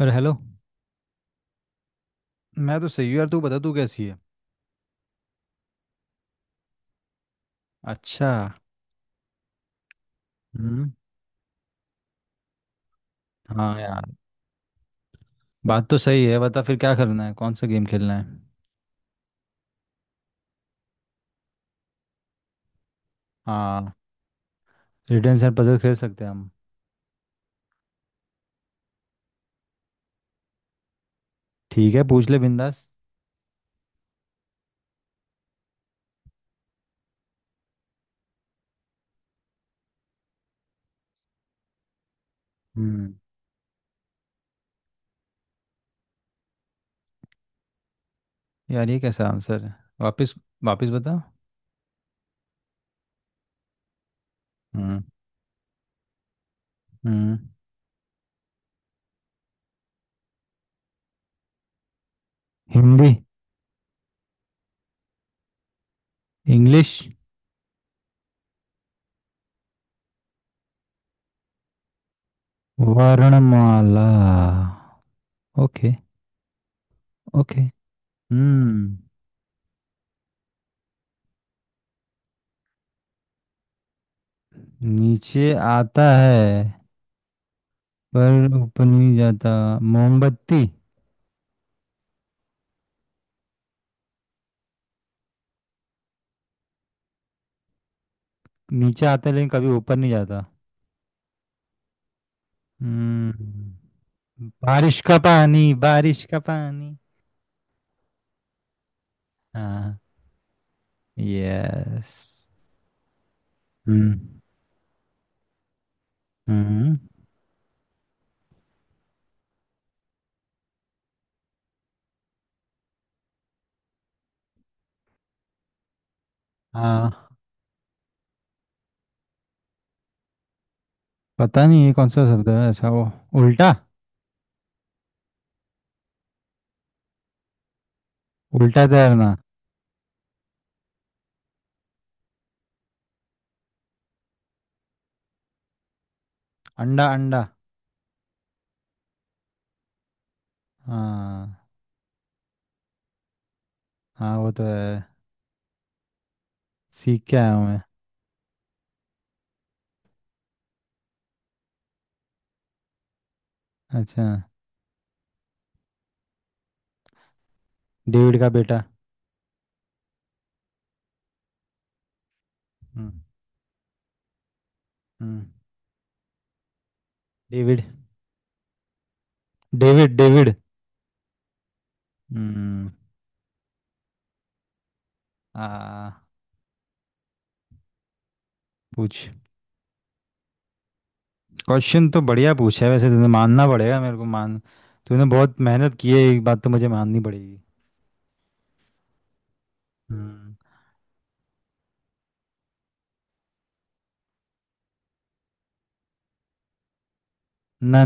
अरे हेलो। मैं तो सही हूँ यार। तू बता तू कैसी है। अच्छा। हम्म। हाँ यार। बात तो सही है। बता फिर क्या करना है। कौन सा गेम खेलना है। हाँ। रिडल्स एंड पजल खेल सकते हैं हम। ठीक है पूछ ले बिंदास। हम्म। यार ये कैसा आंसर है। वापस। वापस बता। हम्म। हम्म। हिंदी। इंग्लिश। वर्णमाला। ओके। ओके। हम्म। नीचे आता है पर ऊपर नहीं जाता। मोमबत्ती। नीचे आता है लेकिन कभी ऊपर नहीं जाता। हम्म। बारिश का पानी। बारिश का पानी। हाँ। यस। हम्म। हम्म। हाँ। पता नहीं ये कौन सा शब्द है ऐसा वो। उल्टा। उल्टा तैरना। अंडा अंडा। हाँ। हाँ वो तो है। सीख के आया हूँ मैं। अच्छा। डेविड का बेटा। हम्म। हम्म। David David. डेविड। हम्म। आ। पूछ। क्वेश्चन तो बढ़िया पूछा है वैसे तूने, मानना पड़ेगा मेरे को। मान तूने बहुत मेहनत की है, एक बात तो मुझे माननी पड़ेगी। हम्म। नन।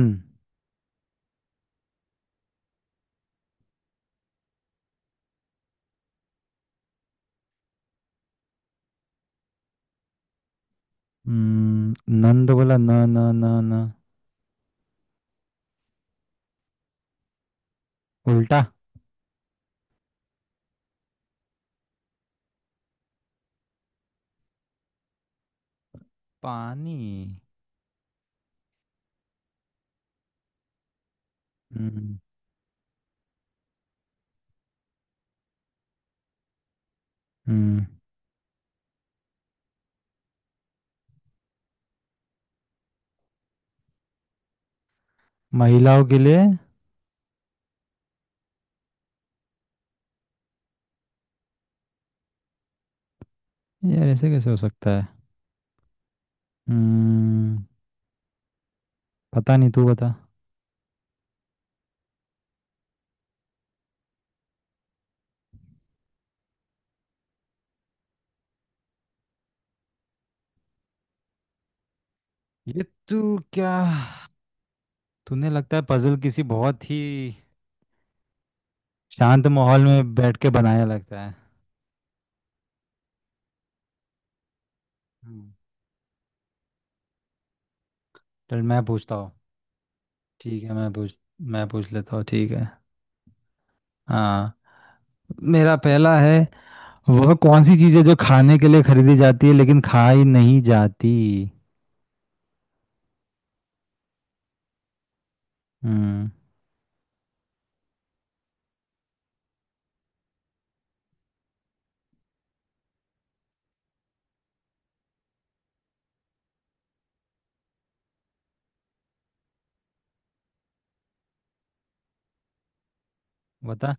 हम्म, नन तो बोला न न। न न। उल्टा। पानी। हम्म। हम्म। महिलाओं के लिए। यार ऐसे कैसे हो सकता है। हम्म। पता नहीं तू बता। ये तू क्या तूने लगता है पजल किसी बहुत ही शांत माहौल में बैठ के बनाया लगता है। हम्म। चल मैं पूछता हूँ। ठीक है मैं पूछ लेता हूँ। ठीक है। हाँ। मेरा पहला है। वह कौन सी चीज़ है जो खाने के लिए खरीदी जाती है लेकिन खाई नहीं जाती। हम्म। बता।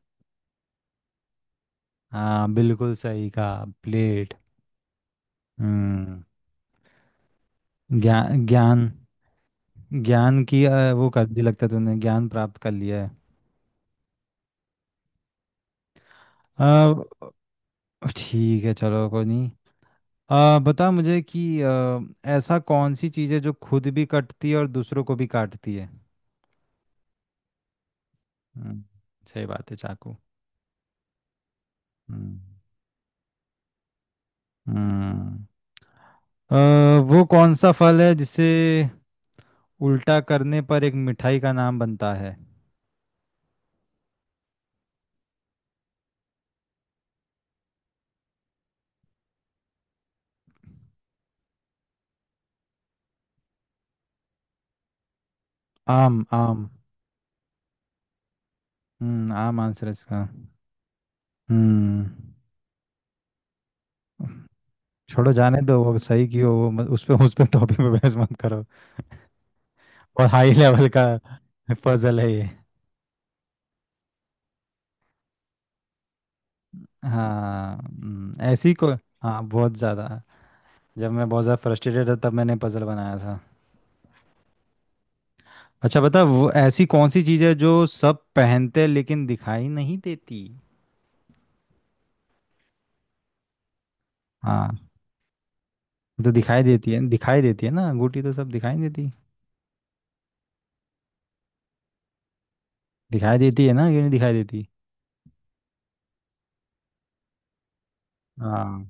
हाँ बिल्कुल सही कहा। प्लेट। हम्म। ज्ञान ज्ञान। ज्ञान की वो कर दी लगता है। तूने ज्ञान प्राप्त कर लिया है। अ, ठीक है चलो कोई नहीं। बता मुझे कि ऐसा कौन सी चीज़ है जो खुद भी कटती है और दूसरों को भी काटती है। हम्म। सही बात है चाकू। हम्म। हम्म। अ, वो कौन सा फल है जिसे उल्टा करने पर एक मिठाई का नाम बनता है। आम आम। आम आंसर है इसका। हम्म। छोड़ो जाने दो वो सही क्यों। वो मत, उस पे टॉपिक पे बहस मत करो। बहुत हाई लेवल का पजल है ये। हाँ। ऐसी को हाँ बहुत ज़्यादा। जब मैं बहुत ज़्यादा फ्रस्ट्रेटेड था तब मैंने पजल बनाया था। अच्छा बता। वो ऐसी कौन सी चीज़ है जो सब पहनते हैं लेकिन दिखाई नहीं देती। हाँ। तो दिखाई देती है। दिखाई देती है ना। अंगूठी तो सब दिखाई नहीं देती। दिखाई देती है ना, क्यों नहीं दिखाई देती। हाँ।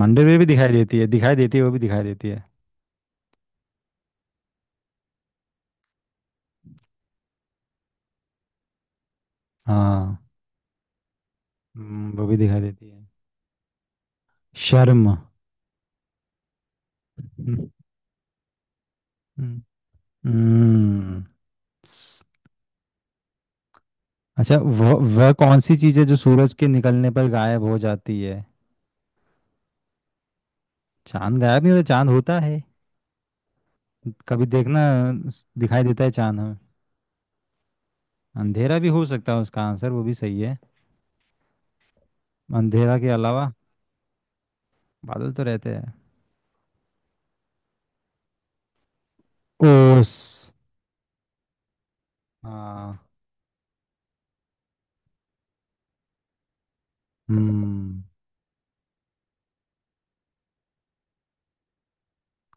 मंदिर में भी दिखाई देती है। दिखाई देती है, वो भी दिखाई देती है। हाँ। वो भी दिखाई देती है। शर्म। हम्म। हम्म। हम्म। स- अच्छा। वह कौन सी चीज़ है जो सूरज के निकलने पर गायब हो जाती है। चांद गायब नहीं होता। चांद होता है। कभी देखना। दिखाई देता है चांद हमें। अंधेरा भी हो सकता है उसका आंसर, वो भी सही है। अंधेरा के अलावा। बादल तो रहते हैं। ओस। हाँ। हम्म।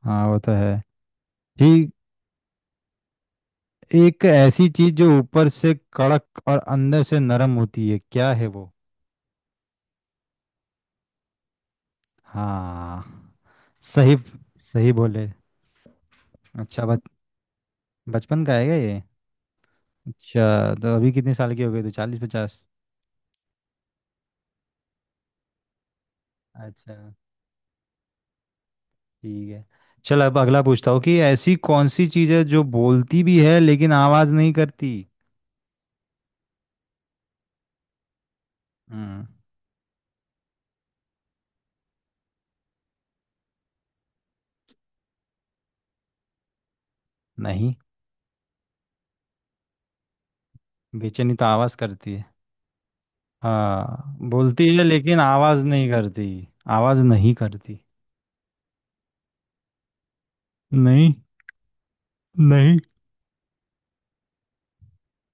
हाँ वो तो है। ठीक। एक ऐसी चीज जो ऊपर से कड़क और अंदर से नरम होती है क्या है वो। हाँ। सही सही बोले। अच्छा बच बचपन का है क्या ये। अच्छा। तो अभी कितने साल की हो गई, तो 40 50। अच्छा। ठीक है। चल अब अगला पूछता हूँ कि ऐसी कौन सी चीज है जो बोलती भी है लेकिन आवाज नहीं करती। हम्म। नहीं। बेचैनी तो आवाज करती है। हाँ बोलती है लेकिन आवाज नहीं करती। आवाज नहीं करती। नहीं नहीं।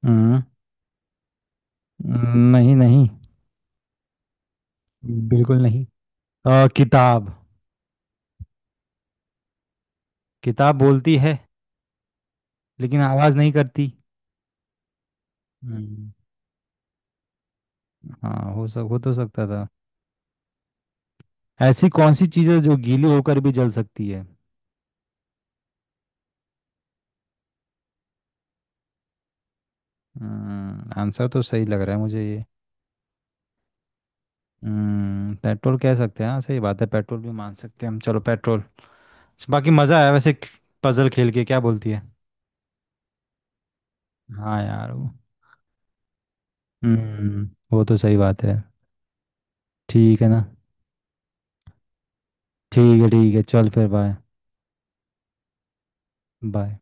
हम्म। नहीं। नहीं बिल्कुल नहीं। किताब। किताब बोलती है लेकिन आवाज नहीं करती। हम्म। हाँ हो तो सकता था। ऐसी कौन सी चीज़ है जो गीली होकर भी जल सकती है। आंसर तो सही लग रहा है मुझे ये। पेट्रोल कह सकते हैं। हाँ सही बात है, पेट्रोल भी मान सकते हैं हम चलो पेट्रोल। बाकी मज़ा आया वैसे। पजल खेल के क्या बोलती है। हाँ यार वो। हम्म। वो तो सही बात है। ठीक है ना। ठीक है चल फिर बाय। बाय।